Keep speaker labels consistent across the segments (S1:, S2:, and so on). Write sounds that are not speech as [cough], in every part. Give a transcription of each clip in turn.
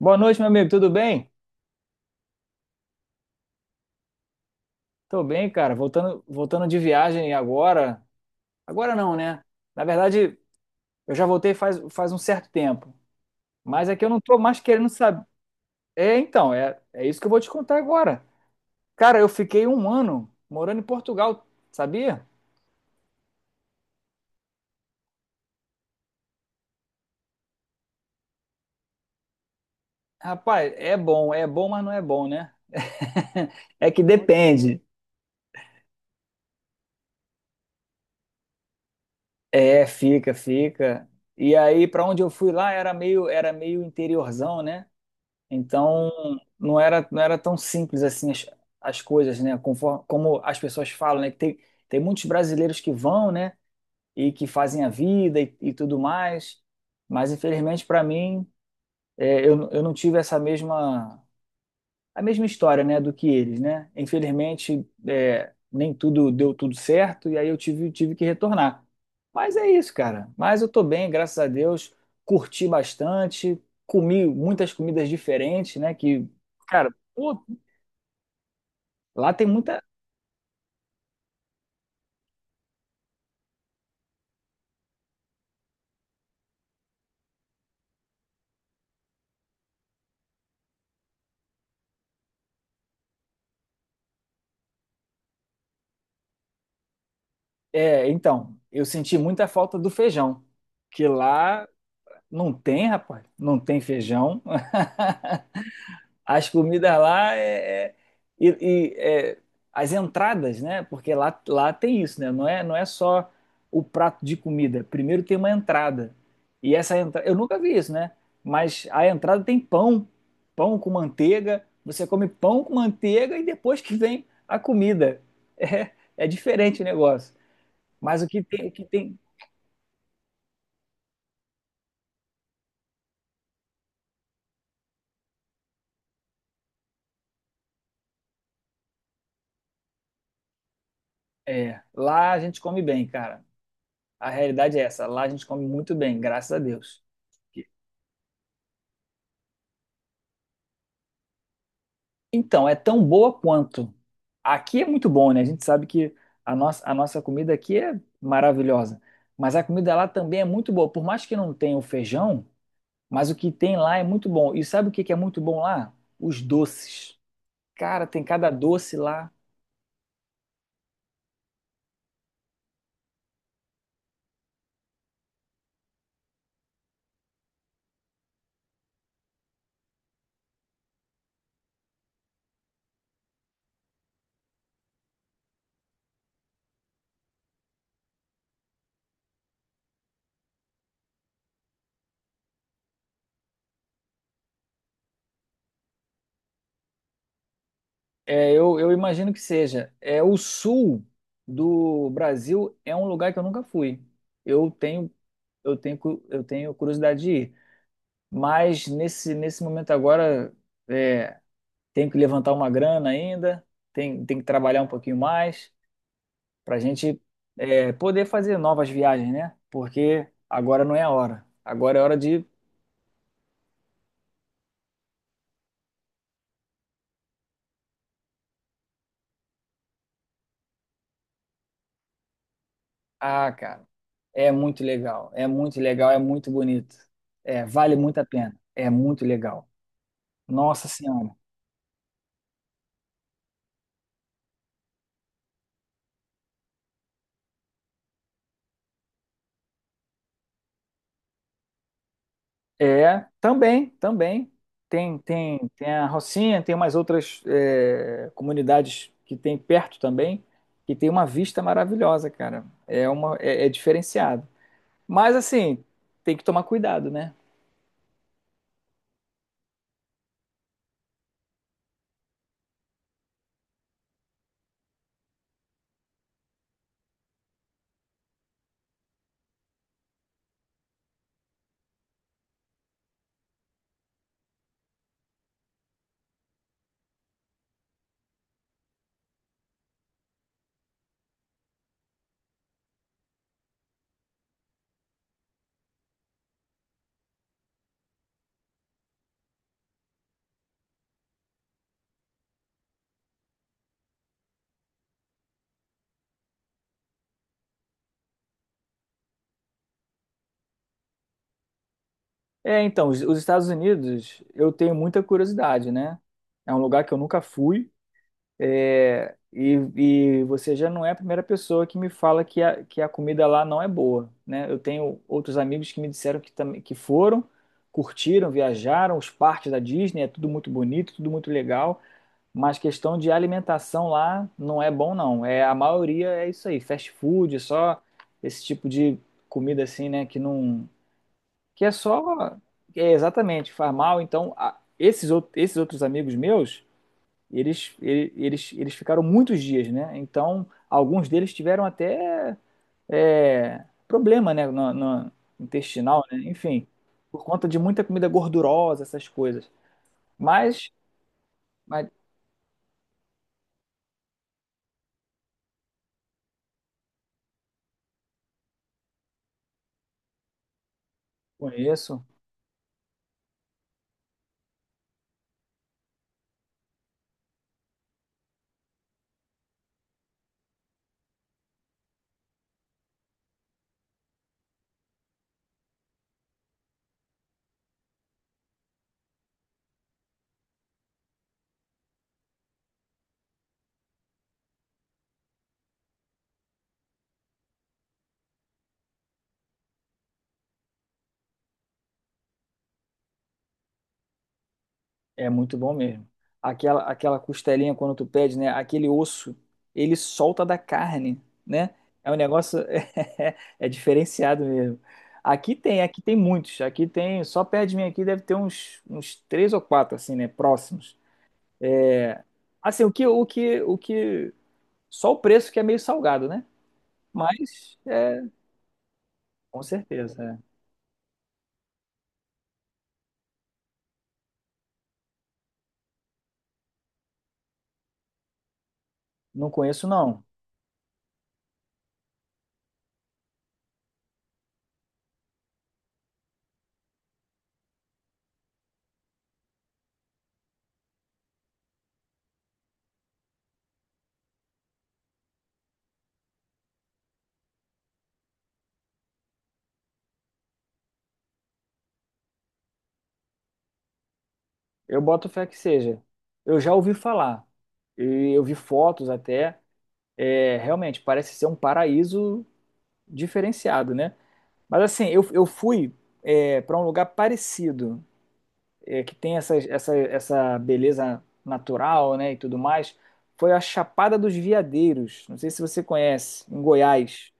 S1: Boa noite, meu amigo. Tudo bem? Tô bem, cara. Voltando de viagem agora. Agora não, né? Na verdade, eu já voltei faz um certo tempo. Mas é que eu não tô mais querendo saber. É, então, é isso que eu vou te contar agora. Cara, eu fiquei um ano morando em Portugal, sabia? Rapaz, é bom, mas não é bom, né? [laughs] É que depende. É, fica, fica. E aí, pra onde eu fui lá, era meio interiorzão, né? Então, não era, não era tão simples assim as coisas, né? Conforme, como as pessoas falam, né? Que tem, tem muitos brasileiros que vão, né? E que fazem a vida e tudo mais. Mas, infelizmente, para mim, eu não tive essa mesma a mesma história, né, do que eles, né? Infelizmente, nem tudo deu tudo certo e aí eu tive, tive que retornar. Mas é isso, cara. Mas eu tô bem, graças a Deus. Curti bastante, comi muitas comidas diferentes, né? Cara, pô, lá tem muita. É, então, eu senti muita falta do feijão, que lá não tem, rapaz, não tem feijão. [laughs] As comidas lá é, e, e, é, as entradas, né? Porque lá, lá tem isso, né? Não é, não é só o prato de comida. Primeiro tem uma entrada. E essa entrada, eu nunca vi isso, né? Mas a entrada tem pão, pão com manteiga. Você come pão com manteiga e depois que vem a comida. É, é diferente o negócio. Mas o que tem, lá a gente come bem, cara. A realidade é essa. Lá a gente come muito bem, graças a Deus. Então, é tão boa quanto. Aqui é muito bom, né? A gente sabe que a nossa comida aqui é maravilhosa. Mas a comida lá também é muito boa. Por mais que não tenha o feijão, mas o que tem lá é muito bom. E sabe o que que é muito bom lá? Os doces. Cara, tem cada doce lá. Eu imagino que seja. É, o sul do Brasil é um lugar que eu nunca fui. Eu tenho, eu tenho curiosidade de ir. Mas nesse, nesse momento agora. é, Tenho que levantar uma grana ainda, tem que trabalhar um pouquinho mais para a gente poder fazer novas viagens, né? Porque agora não é a hora. Agora é hora de. Ah, cara, é muito legal, é muito legal, é muito bonito. É, vale muito a pena, é muito legal. Nossa Senhora. É, também, também. Tem a Rocinha, tem umas outras comunidades que tem perto também, que tem uma vista maravilhosa, cara. É uma, é diferenciado. Mas assim, tem que tomar cuidado, né? É, então, os Estados Unidos, eu tenho muita curiosidade, né? É um lugar que eu nunca fui. E você já não é a primeira pessoa que me fala que a comida lá não é boa, né? Eu tenho outros amigos que me disseram que, também, que foram, curtiram, viajaram, os parques da Disney, é tudo muito bonito, tudo muito legal. Mas questão de alimentação lá não é bom, não. É, a maioria é isso aí, fast food, só esse tipo de comida assim, né? Que não. Que é só. É exatamente, faz mal. Então, esses outros amigos meus, eles ficaram muitos dias, né? Então, alguns deles tiveram até problema, né? No intestinal, né? Enfim, por conta de muita comida gordurosa, essas coisas. Mas, mas conheço. É muito bom mesmo. Aquela costelinha quando tu pede, né? Aquele osso, ele solta da carne, né? É um negócio [laughs] diferenciado mesmo. Aqui tem muitos. Aqui tem, só perto de mim aqui deve ter uns, uns três ou quatro assim, né? Próximos. É, assim, o que, só o preço que é meio salgado, né? Mas, é, com certeza. É. Não conheço, não. Eu boto fé que seja. Eu já ouvi falar. E eu vi fotos até. Realmente parece ser um paraíso diferenciado, né? Mas assim, eu fui para um lugar parecido, que tem essa beleza natural, né, e tudo mais. Foi a Chapada dos Veadeiros. Não sei se você conhece, em Goiás.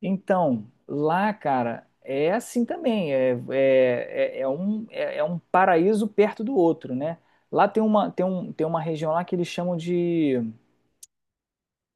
S1: Então, lá, cara, é assim também. É um paraíso perto do outro, né? Lá tem uma, tem uma região lá que eles chamam de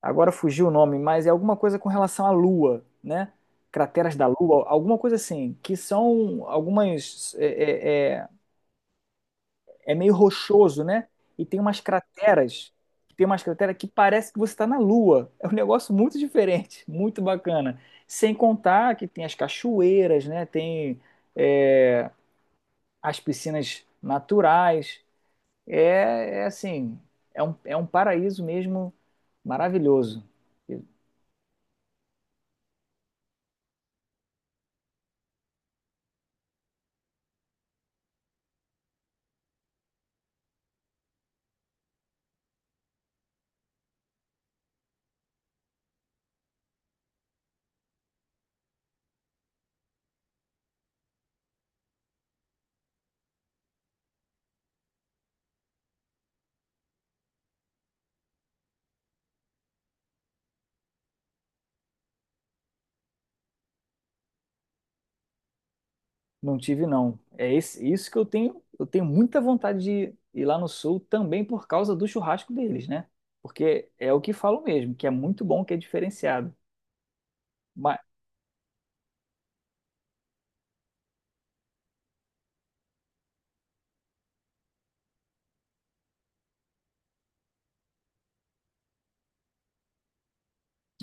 S1: agora fugiu o nome, mas é alguma coisa com relação à Lua, né? Crateras da Lua, alguma coisa assim, que são algumas. É meio rochoso, né? E tem umas crateras que parece que você está na Lua. É um negócio muito diferente, muito bacana. Sem contar que tem as cachoeiras, né? Tem é, as piscinas naturais. É, é assim, é um paraíso mesmo maravilhoso. Não tive, não. É esse- isso que eu tenho. Eu tenho muita vontade de ir lá no Sul também por causa do churrasco deles, né? Porque é o que falo mesmo, que é muito bom, que é diferenciado. Mas,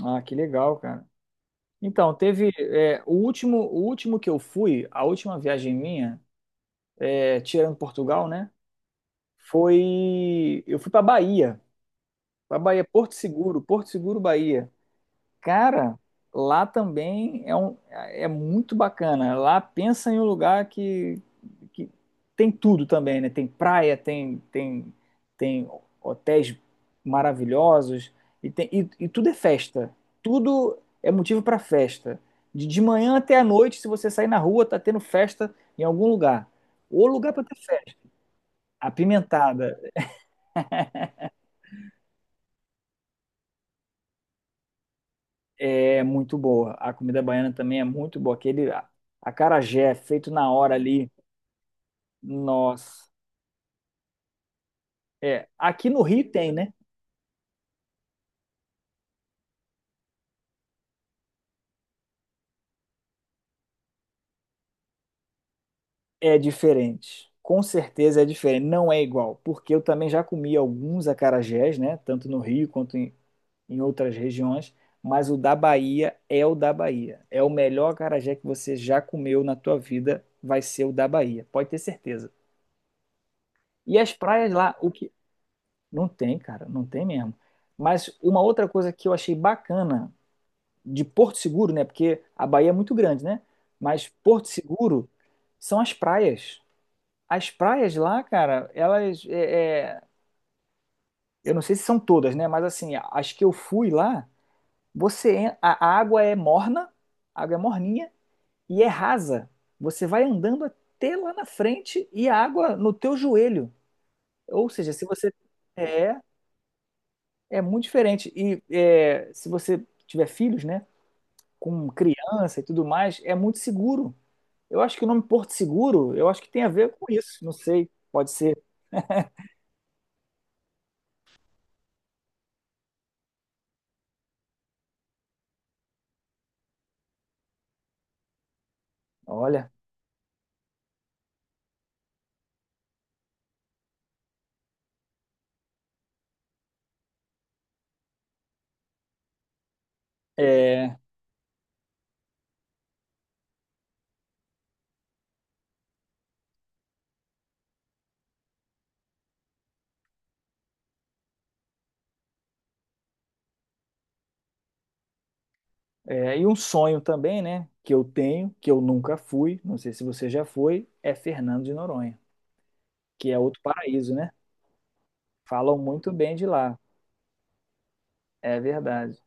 S1: ah, que legal, cara. Então, teve, o último que eu fui, a última viagem minha, tirando Portugal, né? Foi, eu fui para Bahia, Porto Seguro, Bahia. Cara, lá também é muito bacana. Lá pensa em um lugar que tem tudo também, né? Tem praia, tem hotéis maravilhosos e tudo é festa. Tudo é motivo para festa. De manhã até à noite, se você sair na rua, tá tendo festa em algum lugar. O lugar para ter festa. A pimentada é muito boa. A comida baiana também é muito boa. Aquele acarajé feito na hora ali. Nossa. É, aqui no Rio tem, né? É diferente. Com certeza é diferente, não é igual, porque eu também já comi alguns acarajés, né? Tanto no Rio quanto em, em outras regiões, mas o da Bahia é o da Bahia. É o melhor acarajé que você já comeu na tua vida, vai ser o da Bahia, pode ter certeza. E as praias lá, o que não tem, cara, não tem mesmo. Mas uma outra coisa que eu achei bacana de Porto Seguro, né? Porque a Bahia é muito grande, né? Mas Porto Seguro são as praias. As praias lá, cara, elas. Eu não sei se são todas, né? Mas assim, as que eu fui lá, você a água é morna, a água é morninha e é rasa. Você vai andando até lá na frente e a água no teu joelho. Ou seja, se você é, é muito diferente. E é, se você tiver filhos, né, com criança e tudo mais, é muito seguro. Eu acho que o nome Porto Seguro, eu acho que tem a ver com isso, não sei, pode ser. Olha, é, e um sonho também, né, que eu tenho, que eu nunca fui, não sei se você já foi, é Fernando de Noronha, que é outro paraíso, né? Falam muito bem de lá, é verdade.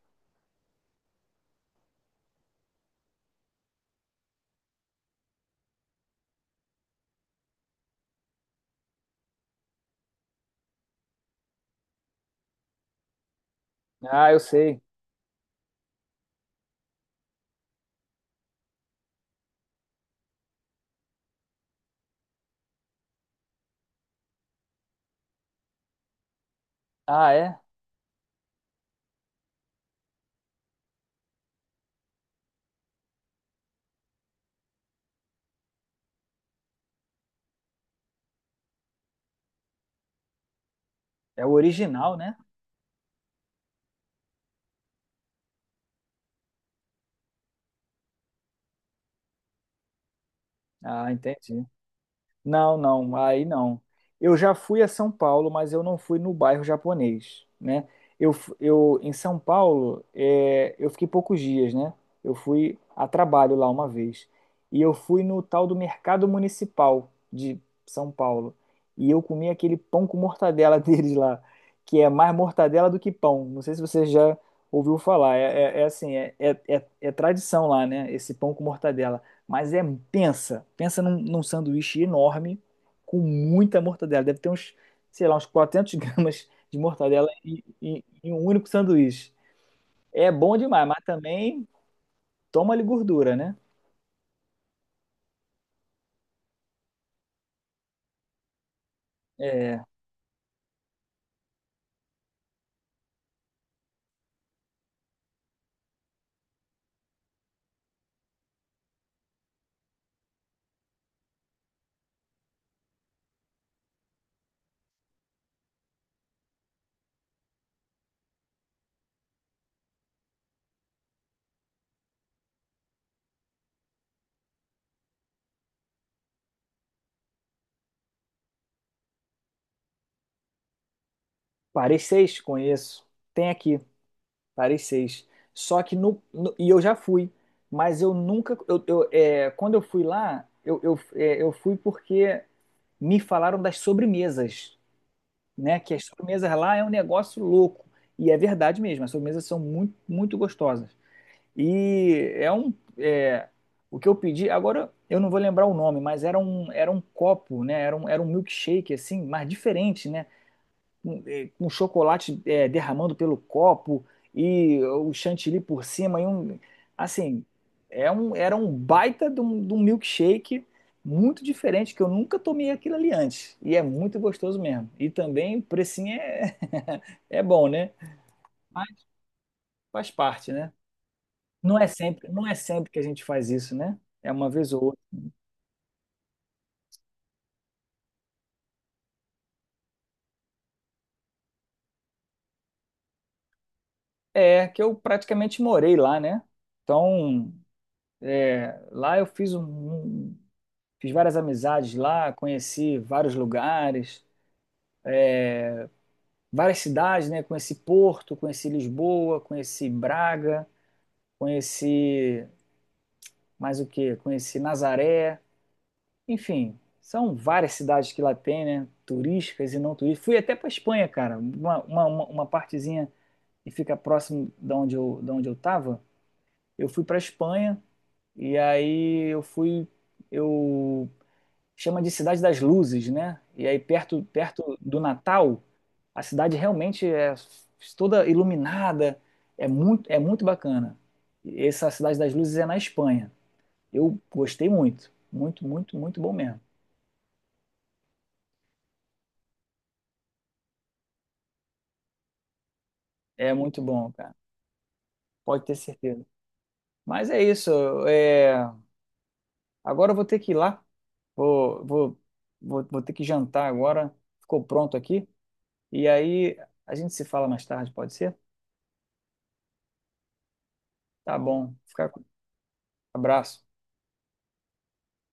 S1: Ah, eu sei. Ah, é? É o original, né? Ah, entendi. Não, não, aí não. Eu já fui a São Paulo, mas eu não fui no bairro japonês, né? Eu em São Paulo, eu fiquei poucos dias, né? Eu fui a trabalho lá uma vez. E eu fui no tal do Mercado Municipal de São Paulo. E eu comi aquele pão com mortadela [laughs] deles lá, que é mais mortadela do que pão. Não sei se você já ouviu falar. É assim, é tradição lá, né? Esse pão com mortadela. Mas é, pensa num sanduíche enorme, com muita mortadela. Deve ter uns, sei lá, uns 400 [laughs] gramas de mortadela em, em um único sanduíche. É bom demais, mas também toma-lhe gordura, né? É, Paris 6, conheço. Tem aqui, Paris 6. Só que e eu já fui, mas eu nunca. Quando eu fui lá, eu fui porque me falaram das sobremesas. Né? Que as sobremesas lá é um negócio louco. E é verdade mesmo, as sobremesas são muito, muito gostosas. E é um. O que eu pedi, agora eu não vou lembrar o nome, mas era um copo, né? Era um milkshake, assim, mas diferente, né? Com, com chocolate derramando pelo copo e o chantilly por cima assim, era um baita de um milkshake muito diferente que eu nunca tomei aquilo ali antes e é muito gostoso mesmo. E também o precinho é [laughs] é bom, né? Mas faz parte, né? Não é sempre, não é sempre que a gente faz isso, né? É uma vez ou outra. É que eu praticamente morei lá, né? Então, lá eu fiz fiz várias amizades lá, conheci vários lugares, várias cidades, né? Conheci Porto, conheci Lisboa, conheci Braga, conheci mais o quê? Conheci Nazaré, enfim, são várias cidades que lá tem, né? Turísticas e não turísticas. Fui até para Espanha, cara, uma partezinha que fica próximo da onde eu tava. Eu fui para Espanha e aí eu fui, eu chama de Cidade das Luzes, né? E aí perto, perto do Natal a cidade realmente é toda iluminada, é muito bacana. Essa Cidade das Luzes é na Espanha. Eu gostei muito, muito, muito, muito bom mesmo. É muito bom, cara. Pode ter certeza. Mas é isso. é, Agora eu vou ter que ir lá. Vou, vou, vou ter que jantar agora. Ficou pronto aqui. E aí a gente se fala mais tarde, pode ser? Tá bom. Fica com... Abraço.